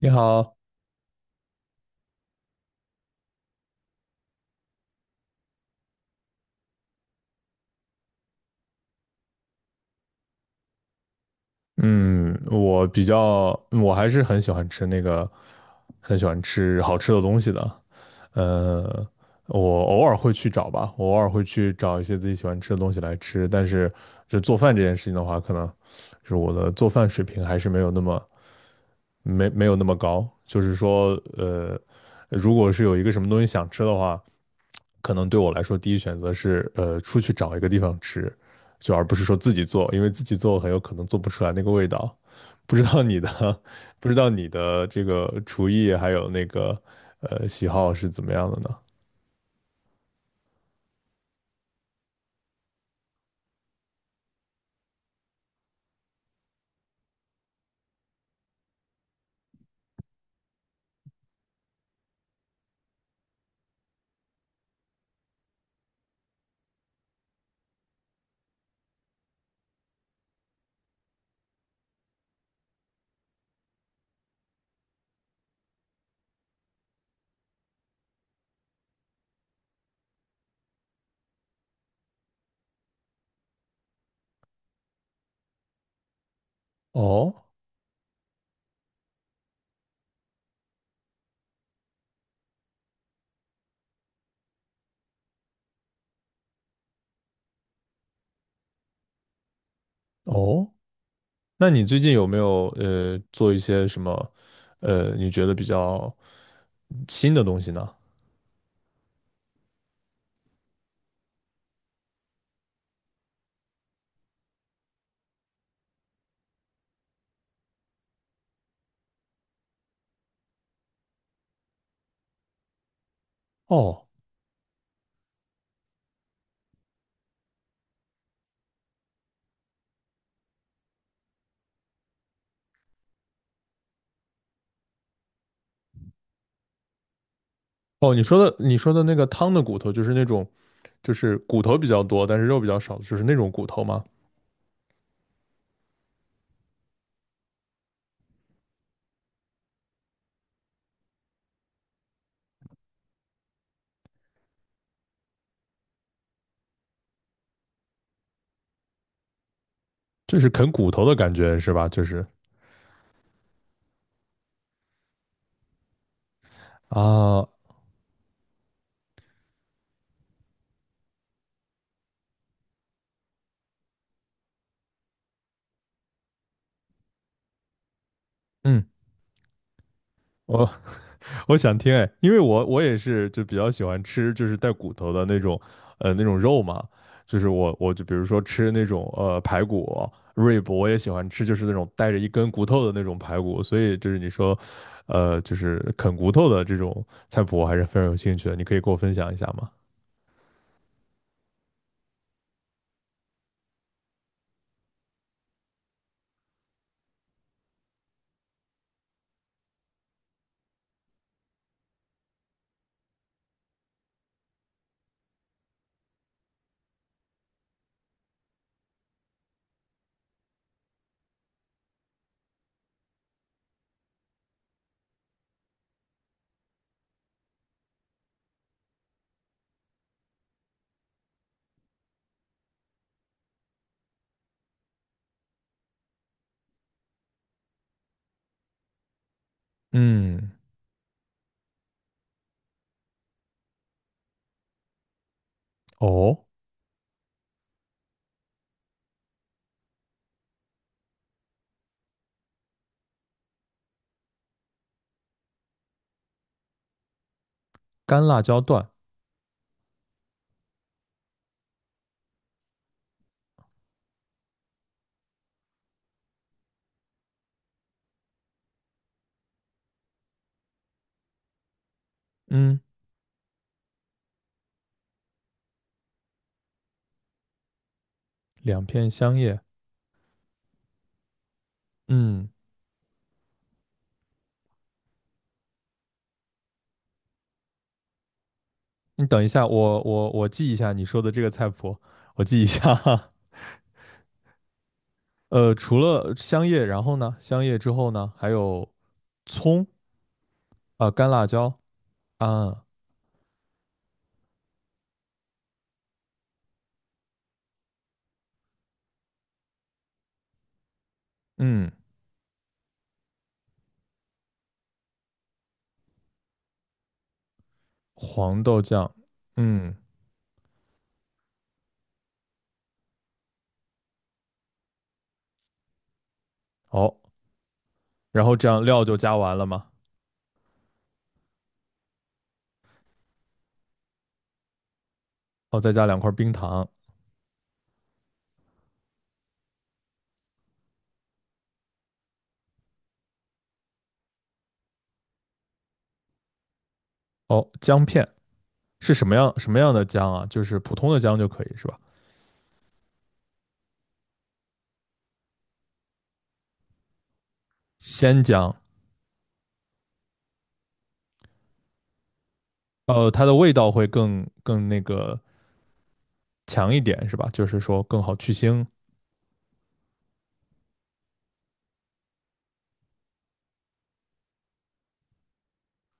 你好。嗯，我比较，我还是很喜欢吃那个，很喜欢吃好吃的东西的。呃，我偶尔会去找一些自己喜欢吃的东西来吃。但是，就做饭这件事情的话，可能就是我的做饭水平还是没有那么没没有那么高。就是说，如果是有一个什么东西想吃的话，可能对我来说，第一选择是出去找一个地方吃，就而不是说自己做，因为自己做很有可能做不出来那个味道。不知道你的，不知道你的这个厨艺还有那个喜好是怎么样的呢？哦哦，那你最近有没有做一些什么你觉得比较新的东西呢？哦哦，你说的那个汤的骨头就是那种，就是骨头比较多，但是肉比较少，就是那种骨头吗？就是啃骨头的感觉是吧？就是啊。嗯，我我想听哎，因为我也是就比较喜欢吃就是带骨头的那种，那种肉嘛，就是我就比如说吃那种排骨、rib，我也喜欢吃就是那种带着一根骨头的那种排骨，所以就是你说，就是啃骨头的这种菜谱，我还是非常有兴趣的，你可以给我分享一下吗？嗯。哦，干辣椒段。嗯，两片香叶。嗯，你等一下，我记一下你说的这个菜谱，我记一下。除了香叶，然后呢，香叶之后呢，还有葱啊、干辣椒啊。嗯，黄豆酱。嗯，好，然后这样料就加完了嘛。哦，再加两块冰糖。哦，姜片是什么样的姜啊？就是普通的姜就可以是吧？鲜姜。它的味道会更那个强一点是吧？就是说更好去腥。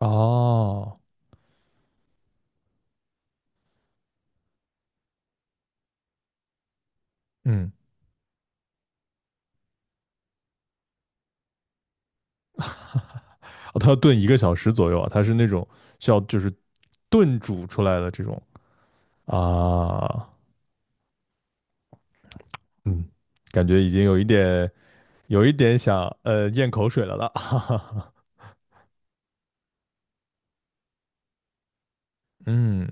哦。嗯。哦，它要炖一个小时左右啊，它是那种需要就是炖煮出来的这种。啊。嗯，感觉已经有一点想咽口水了，哈哈哈。嗯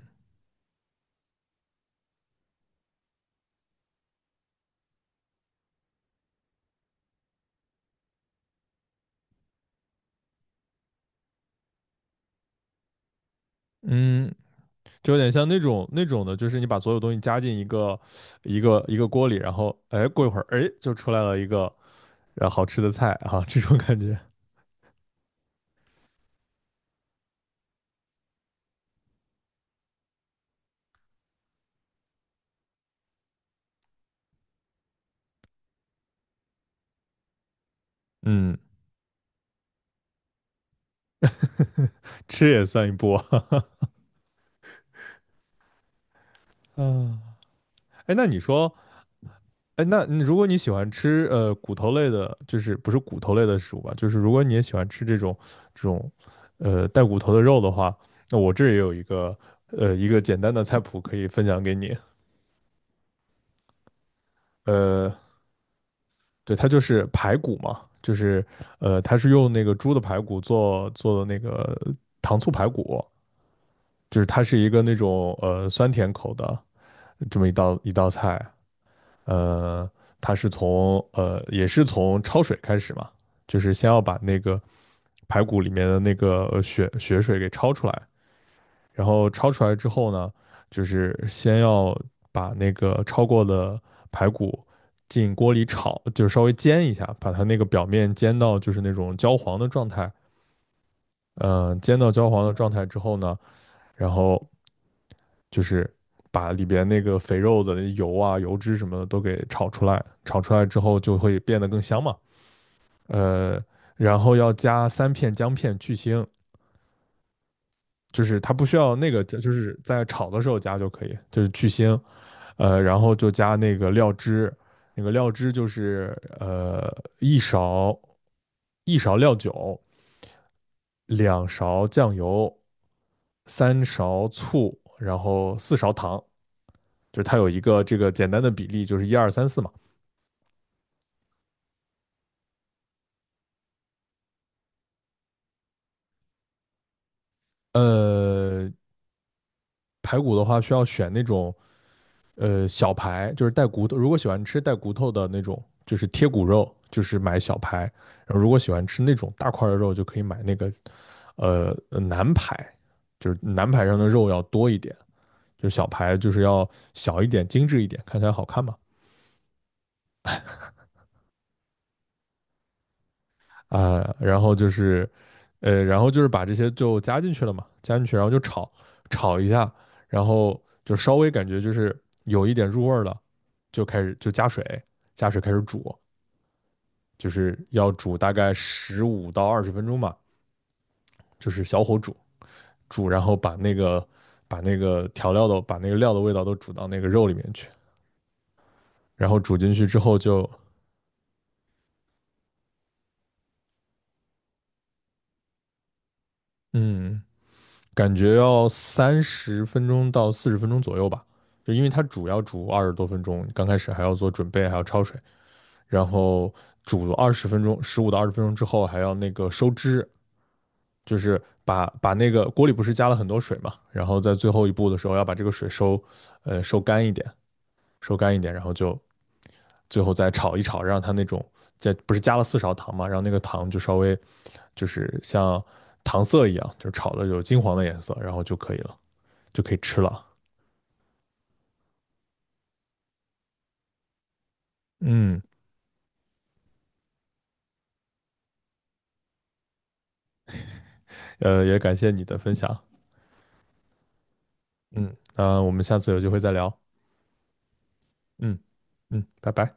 嗯，就有点像那种的，就是你把所有东西加进一个锅里，然后哎过一会儿哎就出来了一个好吃的菜啊，这种感觉。嗯，吃也算一波，哈哈。啊。哎，那你说，哎，那你如果你喜欢吃骨头类的，就是不是骨头类的食物吧，就是如果你也喜欢吃这种带骨头的肉的话，那我这儿也有一个简单的菜谱可以分享给你。呃，对，它就是排骨嘛，就是它是用那个猪的排骨做的那个糖醋排骨，就是它是一个那种酸甜口的这么一道菜。呃，它是也是从焯水开始嘛，就是先要把那个排骨里面的那个血水给焯出来，然后焯出来之后呢，就是先要把那个焯过的排骨进锅里炒，就是稍微煎一下，把它那个表面煎到就是那种焦黄的状态。煎到焦黄的状态之后呢，然后就是把里边那个肥肉的油啊、油脂什么的都给炒出来，炒出来之后就会变得更香嘛。呃，然后要加三片姜片去腥，就是它不需要那个，就是在炒的时候加就可以，就是去腥。然后就加那个料汁，那个料汁就是呃一勺一勺料酒，两勺酱油，三勺醋，然后四勺糖。就是它有一个这个简单的比例，就是一二三四嘛。呃，排骨的话需要选那种小排，就是带骨头。如果喜欢吃带骨头的那种，就是贴骨肉，就是买小排；然后如果喜欢吃那种大块的肉，就可以买那个南排，就是南排上的肉要多一点，就是小排就是要小一点、精致一点，看起来好看嘛。啊，然后就是，然后就是把这些就加进去了嘛，加进去，然后就炒炒一下，然后就稍微感觉就是有一点入味儿了，就开始就加水，加水开始煮，就是要煮大概十五到二十分钟吧，就是小火煮煮，然后把那个料的味道都煮到那个肉里面去，然后煮进去之后就嗯。感觉要30分钟到40分钟左右吧，就因为它要煮20多分钟，刚开始还要做准备，还要焯水，然后煮二十分钟，十五到二十分钟之后还要那个收汁，就是把那个锅里不是加了很多水嘛，然后在最后一步的时候要把这个水收，呃收干一点，收干一点，然后就最后再炒一炒，让它那种在不是加了四勺糖嘛，让那个糖就稍微就是像糖色一样，就是炒的有金黄的颜色，然后就可以了。就可以吃了。嗯，也感谢你的分享。嗯，那我们下次有机会再聊。嗯嗯，拜拜。